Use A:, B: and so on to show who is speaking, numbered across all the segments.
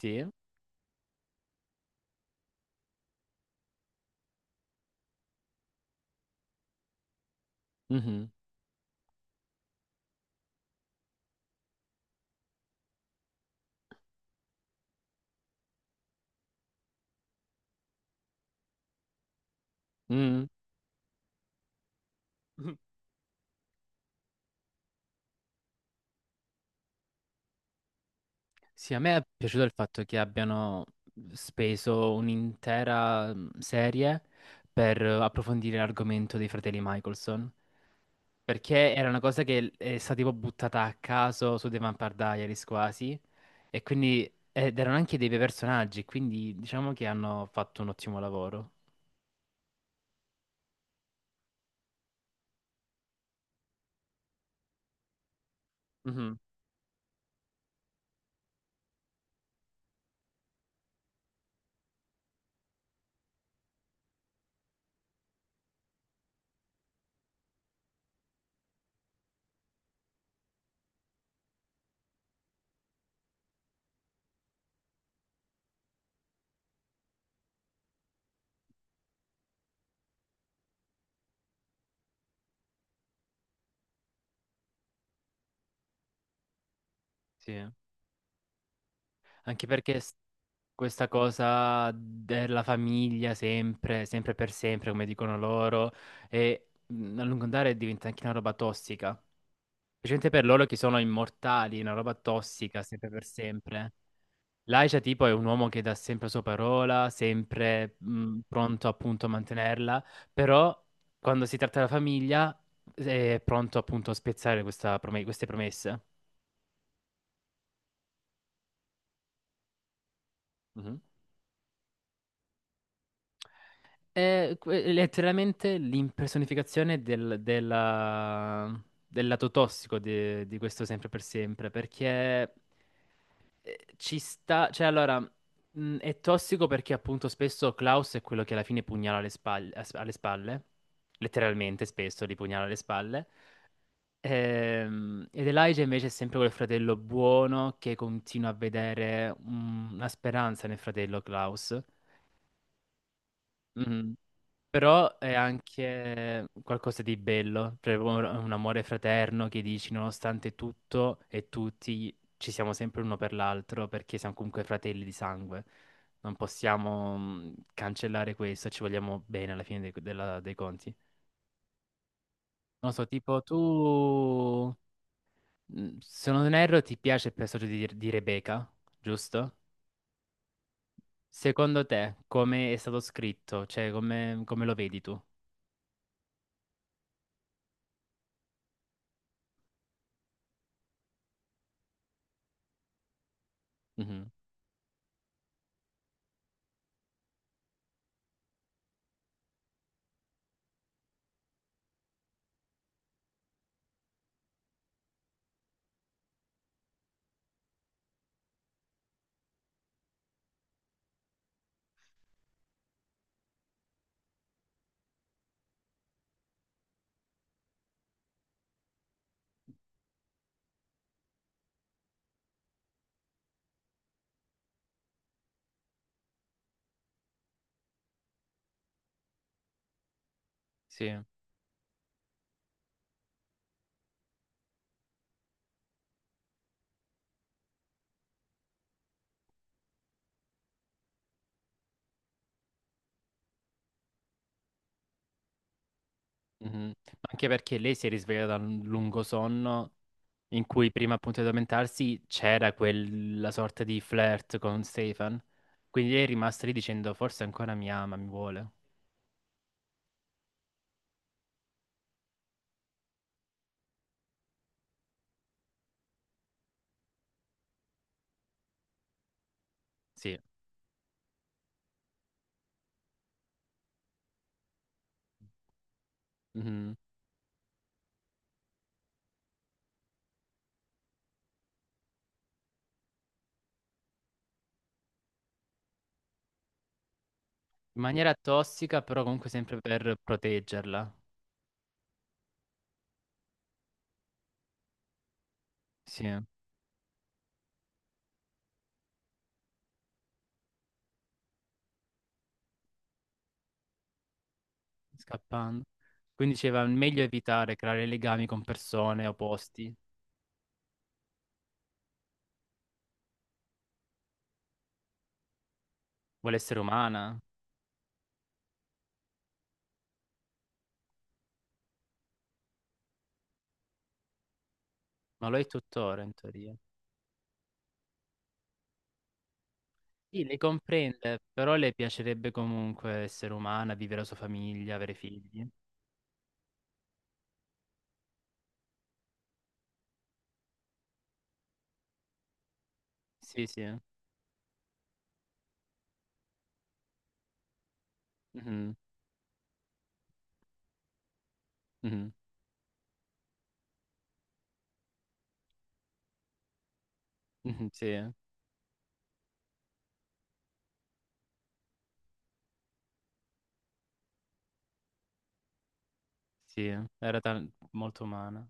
A: Sì. Mhm. Mm. Sì, a me è piaciuto il fatto che abbiano speso un'intera serie per approfondire l'argomento dei fratelli Michelson. Perché era una cosa che è stata tipo buttata a caso su The Vampire Diaries quasi. E quindi ed erano anche dei bei personaggi, quindi diciamo che hanno fatto un ottimo lavoro. Mhm. Sì. Anche perché questa cosa della famiglia sempre, sempre per sempre, come dicono loro, e a lungo andare diventa anche una roba tossica. Specialmente per loro che sono immortali, una roba tossica, sempre per sempre. Laisha tipo è un uomo che dà sempre la sua parola, sempre pronto appunto a mantenerla, però quando si tratta della famiglia è pronto appunto a spezzare questa queste promesse. Mhm. Letteralmente l'impersonificazione del lato tossico di questo sempre per sempre, perché ci sta, cioè allora, è tossico perché appunto spesso Klaus è quello che alla fine pugnala alle spalle, letteralmente spesso li pugnala alle spalle. Ed Elijah invece è sempre quel fratello buono che continua a vedere una speranza nel fratello Klaus. Mhm. Però è anche qualcosa di bello, cioè proprio un amore fraterno che dici nonostante tutto e tutti ci siamo sempre uno per l'altro perché siamo comunque fratelli di sangue. Non possiamo cancellare questo, ci vogliamo bene alla fine dei conti. Non so, tipo tu, se non erro, ti piace il personaggio di Rebecca, giusto? Secondo te, come è stato scritto? Cioè, come lo vedi tu? Mhm. Sì. Mhm. Anche perché lei si è risvegliata da un lungo sonno in cui prima appunto di addormentarsi c'era quella sorta di flirt con Stefan. Quindi lei è rimasta lì dicendo forse ancora mi ama, mi vuole. Sì. Mhm. In maniera tossica, però comunque sempre per proteggerla. Sì, scappando. Quindi diceva meglio evitare creare legami con persone opposti. Vuole essere umana, ma lo è tuttora in teoria. Sì, le comprende, però le piacerebbe comunque essere umana, vivere la sua famiglia, avere figli. Sì, sì. Mhm, mhm, mhm. Sì, sì, era molto umana.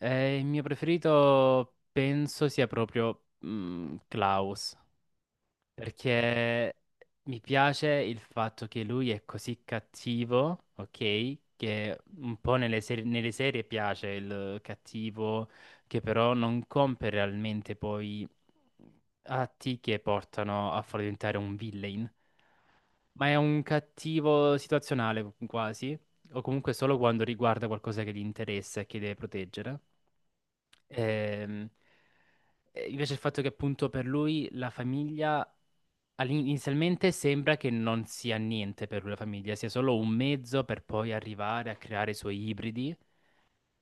A: Il mio preferito penso sia proprio Klaus. Perché mi piace il fatto che lui è così cattivo, ok? Che un po' nelle serie piace il cattivo, che però non compie realmente poi atti che portano a far diventare un villain. Ma è un cattivo situazionale quasi, o comunque solo quando riguarda qualcosa che gli interessa e che deve proteggere. Ehm, e invece il fatto che appunto per lui la famiglia inizialmente sembra che non sia niente per lui la famiglia, sia solo un mezzo per poi arrivare a creare i suoi ibridi,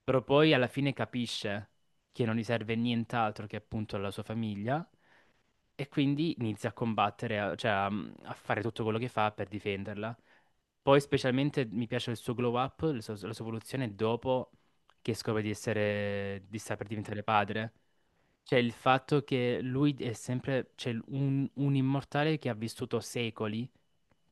A: però poi alla fine capisce che non gli serve nient'altro che appunto la sua famiglia e quindi inizia a combattere, cioè a fare tutto quello che fa per difenderla. Poi specialmente mi piace il suo glow up, la sua evoluzione dopo che scopre di sta per diventare padre. Cioè il fatto che lui è sempre, cioè un immortale che ha vissuto secoli,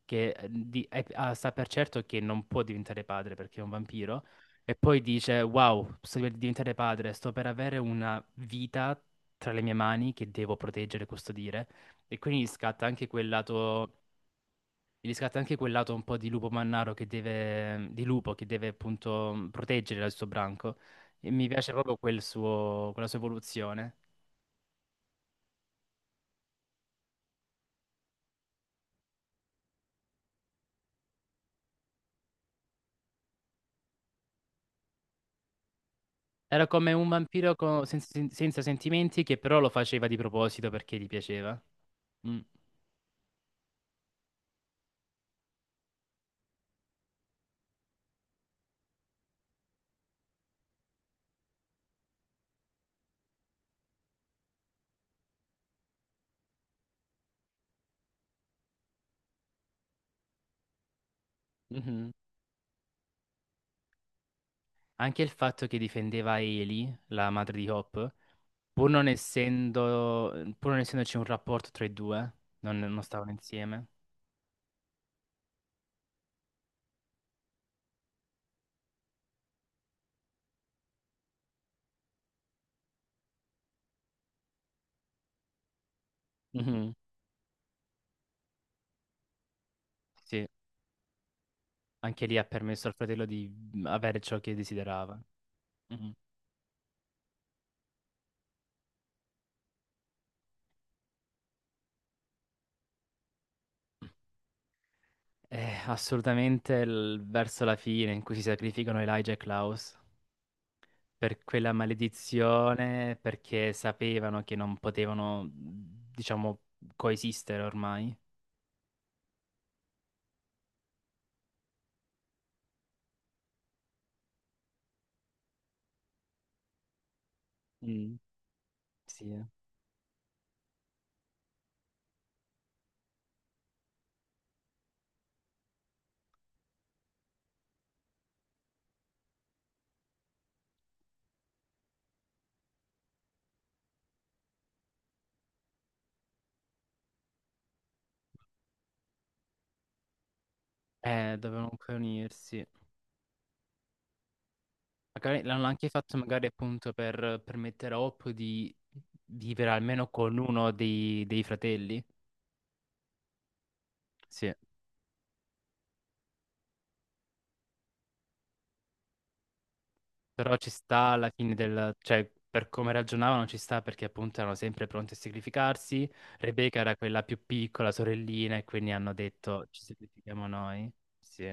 A: che sa per certo che non può diventare padre perché è un vampiro, e poi dice, wow, sto per diventare padre, sto per avere una vita tra le mie mani che devo proteggere e custodire. E quindi gli scatta anche quel lato, gli scatta anche quel lato un po' di lupo mannaro di lupo che deve appunto proteggere il suo branco. E mi piace proprio quella sua evoluzione. Era come un vampiro senza sentimenti che però lo faceva di proposito perché gli piaceva. Mm. Mhm. Anche il fatto che difendeva Eli, la madre di Hop, pur non essendo, pur non essendoci un rapporto tra i due, non stavano insieme. Mhm. Sì, anche lì ha permesso al fratello di avere ciò che desiderava. Mhm. Assolutamente verso la fine in cui si sacrificano Elijah e Klaus per quella maledizione, perché sapevano che non potevano, diciamo, coesistere ormai. Mm. Sì. Dovevano comunque unirsi. Magari l'hanno anche fatto magari appunto per permettere a Hope di vivere almeno con uno dei fratelli. Sì. Però ci sta alla fine cioè, per come ragionavano ci sta perché appunto erano sempre pronti a sacrificarsi. Rebecca era quella più piccola, sorellina, e quindi hanno detto ci sacrifichiamo noi. Sì.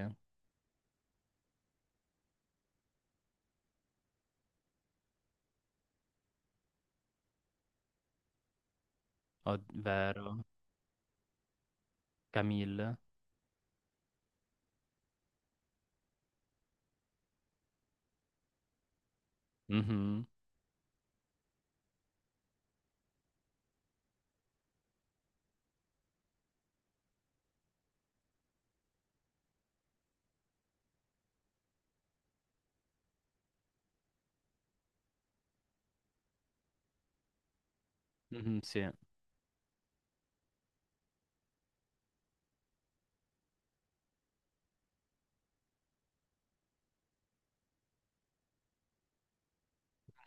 A: Vero. Camille. Mhm. Mhm, sì.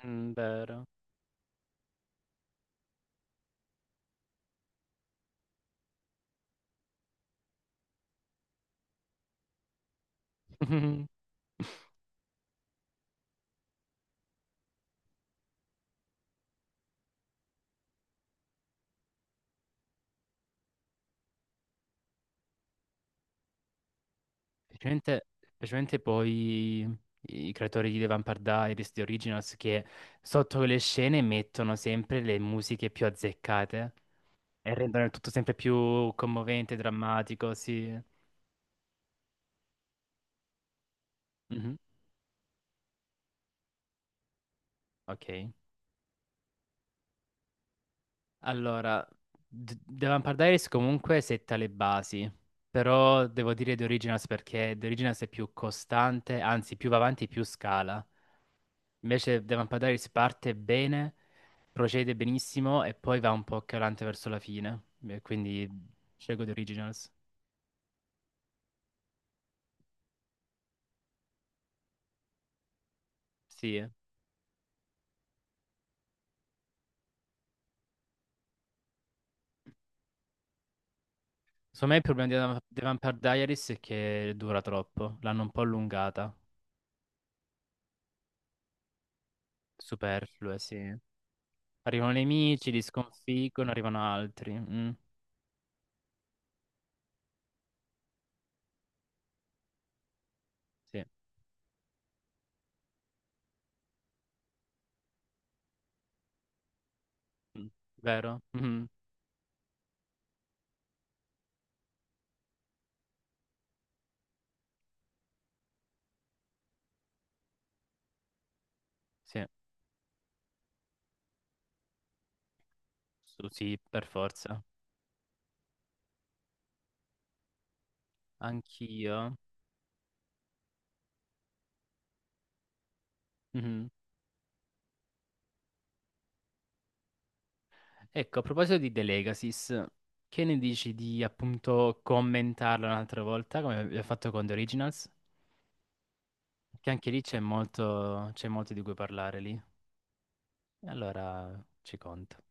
A: Mm, vero. Specialmente, specialmente poi i creatori di The Vampire Diaries, di Originals, che sotto le scene mettono sempre le musiche più azzeccate. E rendono il tutto sempre più commovente, drammatico, sì. Mhm. Ok. Allora, The Vampire Diaries comunque setta le basi, però devo dire The Originals perché The Originals è più costante, anzi più va avanti più scala. Invece The Vampire Diaries parte bene, procede benissimo e poi va un po' calante verso la fine. E quindi scelgo The Originals. Sì. Eh. Secondo me il problema di The Vampire Diaries è che dura troppo, l'hanno un po' allungata. Superflue, sì. Arrivano i nemici, li sconfiggono, arrivano altri. Mm, sì. Mm, vero? Mhm. Sì. Sì, per forza. Anch'io. Mhm. Ecco, a proposito di The Legacies, che ne dici di appunto commentarlo un'altra volta, come abbiamo fatto con The Originals? Che anche lì c'è molto di cui parlare lì. E allora ci conto.